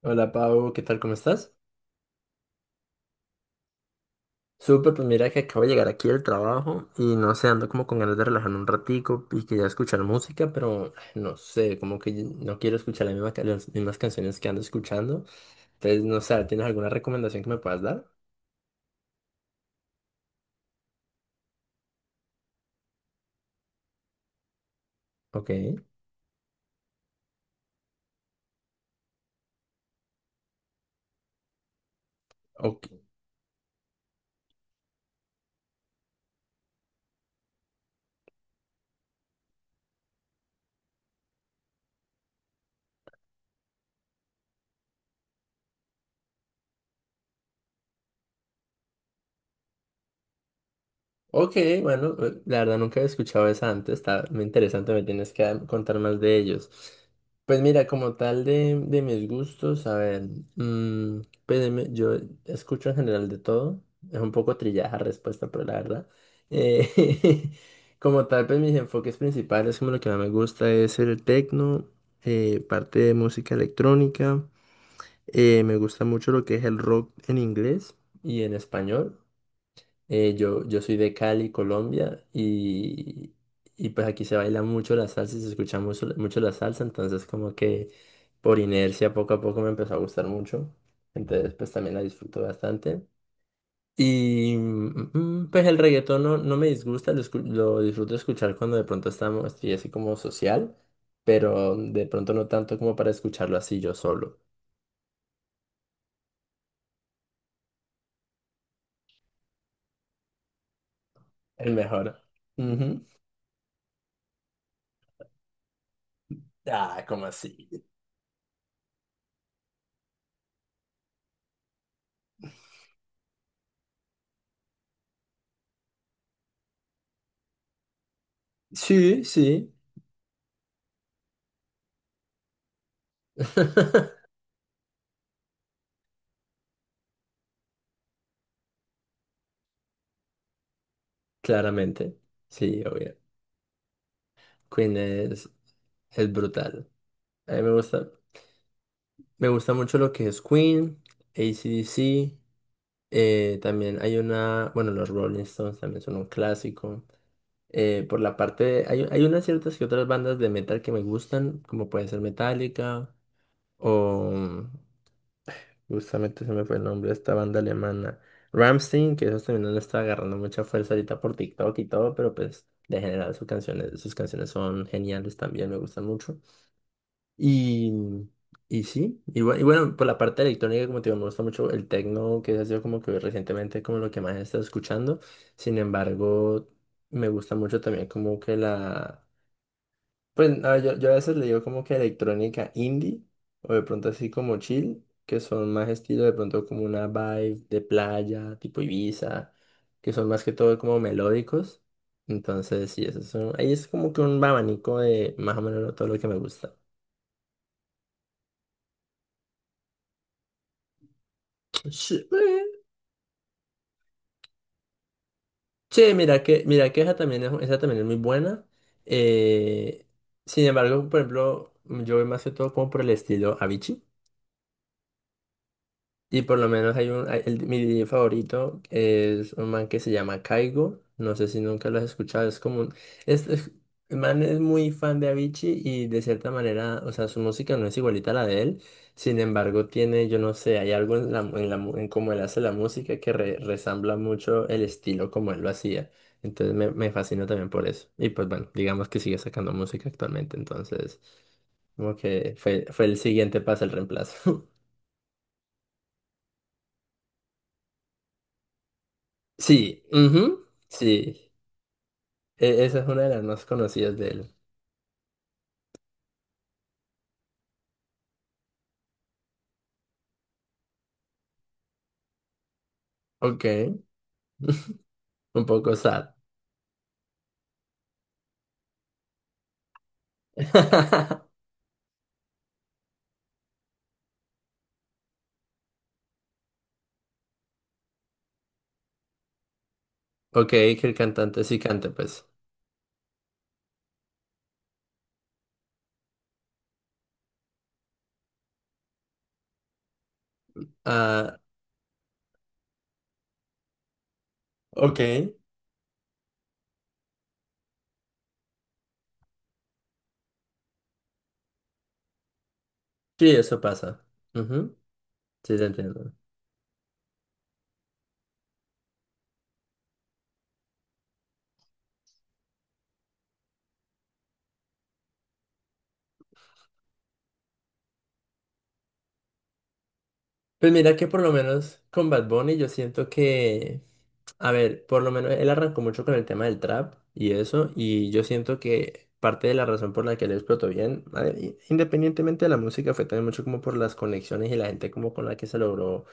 Hola Pau, ¿qué tal? ¿Cómo estás? Súper, pues mira que acabo de llegar aquí del trabajo y no sé, ando como con ganas de relajarme un ratico y quería escuchar música, pero ay, no sé, como que no quiero escuchar las mismas, las mismas canciones que ando escuchando. Entonces, no sé, ¿tienes alguna recomendación que me puedas dar? Ok. Ok. Ok, bueno, la verdad nunca había escuchado esa antes, está muy interesante, me tienes que contar más de ellos. Pues mira, como tal de mis gustos, a ver, mm, pues yo escucho en general de todo, es un poco trillada respuesta, pero la verdad. eh, Como tal, pues mis enfoques principales, como lo que más me gusta es el techno, parte de música electrónica, me gusta mucho lo que es el rock en inglés y en español. Yo soy de Cali, Colombia, y pues aquí se baila mucho la salsa y se escucha mucho, mucho la salsa, entonces como que por inercia poco a poco me empezó a gustar mucho, entonces pues también la disfruto bastante. Y pues el reggaetón no, no me disgusta, lo, lo disfruto escuchar cuando de pronto estamos, estoy así como social, pero de pronto no tanto como para escucharlo así yo solo. El mejor. Ujú. Ah, ¿cómo así? Sí, sí. Claramente, sí, obvio. Queen es brutal. A mí me gusta mucho lo que es Queen, AC/DC, también hay una, bueno, los Rolling Stones también son un clásico. Por la parte de- hay unas ciertas que otras bandas de metal que me gustan, como puede ser Metallica o, justamente se me fue el nombre de esta banda alemana. Rammstein, que eso también le está agarrando mucha fuerza ahorita por TikTok y todo, pero pues de general sus canciones son geniales también, me gustan mucho. Y, y bueno, por la parte electrónica, como te digo, me gusta mucho el techno, que ha sido como que recientemente como lo que más he estado escuchando. Sin embargo, me gusta mucho también como que la... Pues no, yo a veces le digo como que electrónica indie o de pronto así como chill, que son más estilo de pronto como una vibe de playa, tipo Ibiza, que son más que todo como melódicos. Entonces, sí, eso son, ahí es como que un abanico de más o menos todo lo que me gusta. Sí, che, mira que esa también es muy buena. Eh, sin embargo, por ejemplo, yo voy más que todo como por el estilo Avicii. Y por lo menos hay un, hay- el- mi DJ favorito es un man que se llama Caigo. No sé si nunca lo has escuchado. Es como un, es, es- el man es muy fan de Avicii y de cierta manera, o sea, su música no es igualita a la de él. Sin embargo, tiene, yo no sé, hay algo en en cómo él hace la música que resambla mucho el estilo como él lo hacía. Entonces me fascina también por eso. Y pues bueno, digamos que sigue sacando música actualmente. Entonces, como que fue, fue el siguiente paso, el reemplazo. Sí, ujú, sí. Esa es una de las más conocidas de él. Ok, un poco sad. Ok, que el cantante sí cante, pues. Ah, ok, sí, eso pasa. Ujú, sí, te entiendo. Pues mira que por lo menos con Bad Bunny yo siento que, a ver, por lo menos él arrancó mucho con el tema del trap y eso, y yo siento que parte de la razón por la que él explotó bien, a ver, independientemente de la música, fue también mucho como por las conexiones y la gente como con la que se logró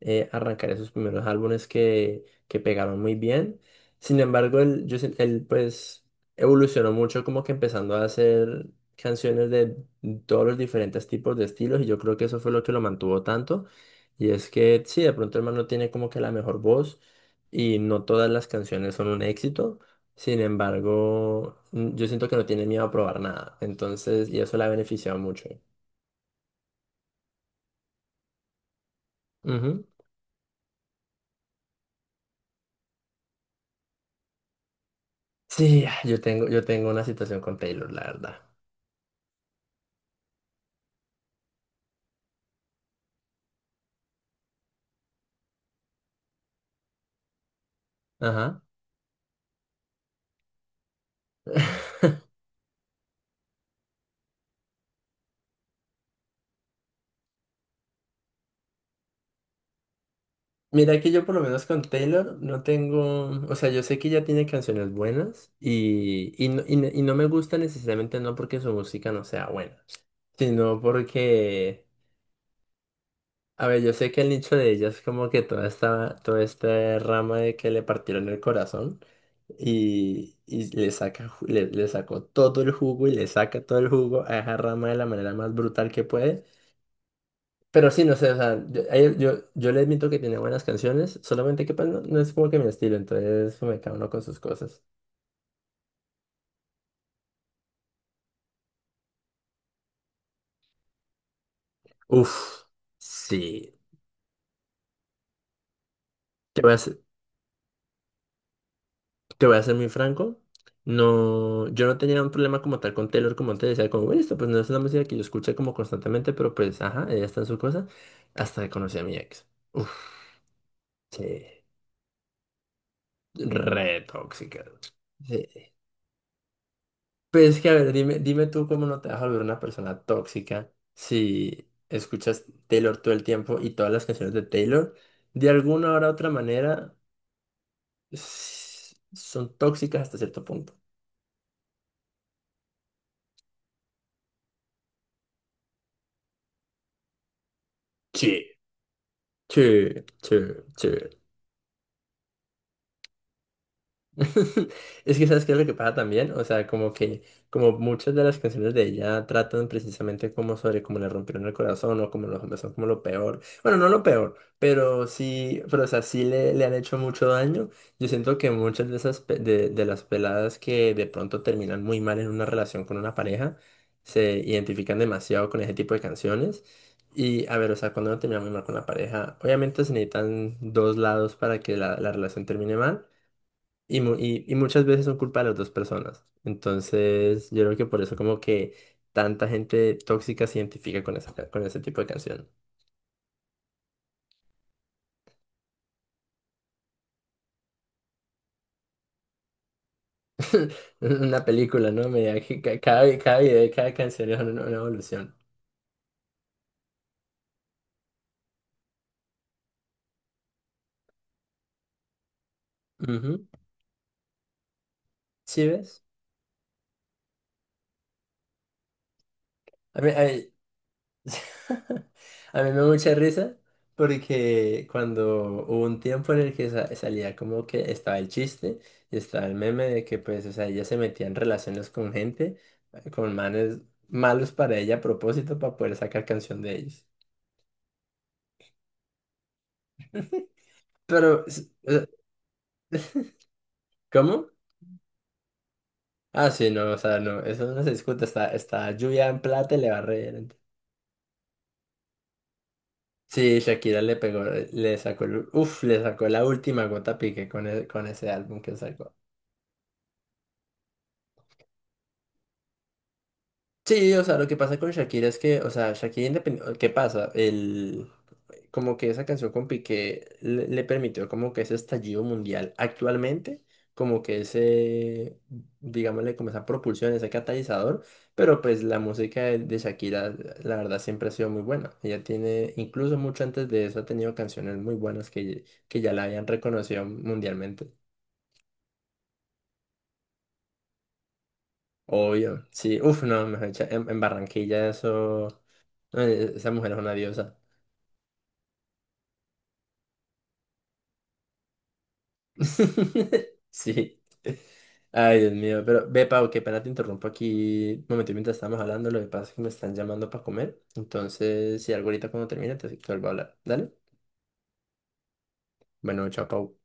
arrancar esos primeros álbumes que pegaron muy bien. Sin embargo, él pues evolucionó mucho como que empezando a hacer canciones de todos los diferentes tipos de estilos y yo creo que eso fue lo que lo mantuvo tanto. Y es que sí, de pronto el man no tiene como que la mejor voz y no todas las canciones son un éxito. Sin embargo, yo siento que no tiene miedo a probar nada. Entonces, y eso le ha beneficiado mucho. Ujú. Sí, yo tengo una situación con Taylor, la verdad. Ajá. Mira que yo por lo menos con Taylor no tengo, o sea, yo sé que ella tiene canciones buenas no, y no me gusta necesariamente no porque su música no sea buena, sino porque, a ver, yo sé que el nicho de ella es como que toda esta rama de que le partieron el corazón y le saca, le sacó todo el jugo y le saca todo el jugo a esa rama de la manera más brutal que puede. Pero sí, no sé, o sea, yo, a él- yo le admito que tiene buenas canciones, solamente que pues no, no es como que mi estilo, entonces me cada uno con sus cosas. Uf, sí, te voy a ser, te voy a ser muy franco, no, yo no tenía un problema como tal con Taylor, como antes decía, como, bueno, esto pues no es una música que yo escuché como constantemente, pero pues, ajá, ella está en su cosa, hasta que conocí a mi ex. Uf, sí, re tóxica. Sí. Pero es que, a ver, dime tú cómo no te vas a volver una persona tóxica si escuchas Taylor todo el tiempo y todas las canciones de Taylor, de alguna hora u otra manera, son tóxicas hasta cierto punto. Sí. Sí, sí, sí. Es que sabes qué es lo que pasa también, o sea, como que como muchas de las canciones de ella tratan precisamente como sobre cómo le rompieron el corazón o como los hombres son como lo peor, bueno, no lo peor, pero sí, pero o sea, sí le han hecho mucho daño. Yo siento que muchas de esas de las peladas que de pronto terminan muy mal en una relación con una pareja, se identifican demasiado con ese tipo de canciones. Y a ver, o sea, cuando uno termina muy mal con la pareja, obviamente se necesitan dos lados para que la relación termine mal. Y muchas veces son culpa de las dos personas. Entonces, yo creo que por eso como que tanta gente tóxica se identifica con esa, con ese tipo de canción. Una película, ¿no? Me da que cada video y cada canción es una evolución. Ujú. ¿Sí ves? A mí me da mucha risa porque cuando hubo un tiempo en el que salía como que estaba el chiste y estaba el meme de que pues, o sea, ella se metía en relaciones con gente, con manes malos para ella a propósito para poder sacar canción de ellos. Pero, ¿cómo? Ah, sí, no, o sea, no, eso no se discute, está, está lluvia en plata y le va a reír. Sí, Shakira le pegó, le sacó, uf, le sacó la última gota a Piqué con, con ese álbum que sacó. Sí, o sea, lo que pasa con Shakira es que, o sea, Shakira independiente, ¿qué pasa? Como que esa canción con Piqué le permitió como que ese estallido mundial actualmente, como que ese, digámosle, como esa propulsión, ese catalizador, pero pues la música de Shakira, la verdad, siempre ha sido muy buena. Ella tiene, incluso mucho antes de eso, ha tenido canciones muy buenas que ya la habían reconocido mundialmente. Obvio, sí, uff, no, mejor dicho, en Barranquilla eso, no, esa mujer es una diosa. Sí. Ay, Dios mío. Pero ve, Pau, qué pena te interrumpo aquí. Un momento, mientras estábamos hablando, lo que pasa es que me están llamando para comer. Entonces, si algo ahorita cuando termine, te vuelvo a hablar. Dale. Bueno, chao, Pau.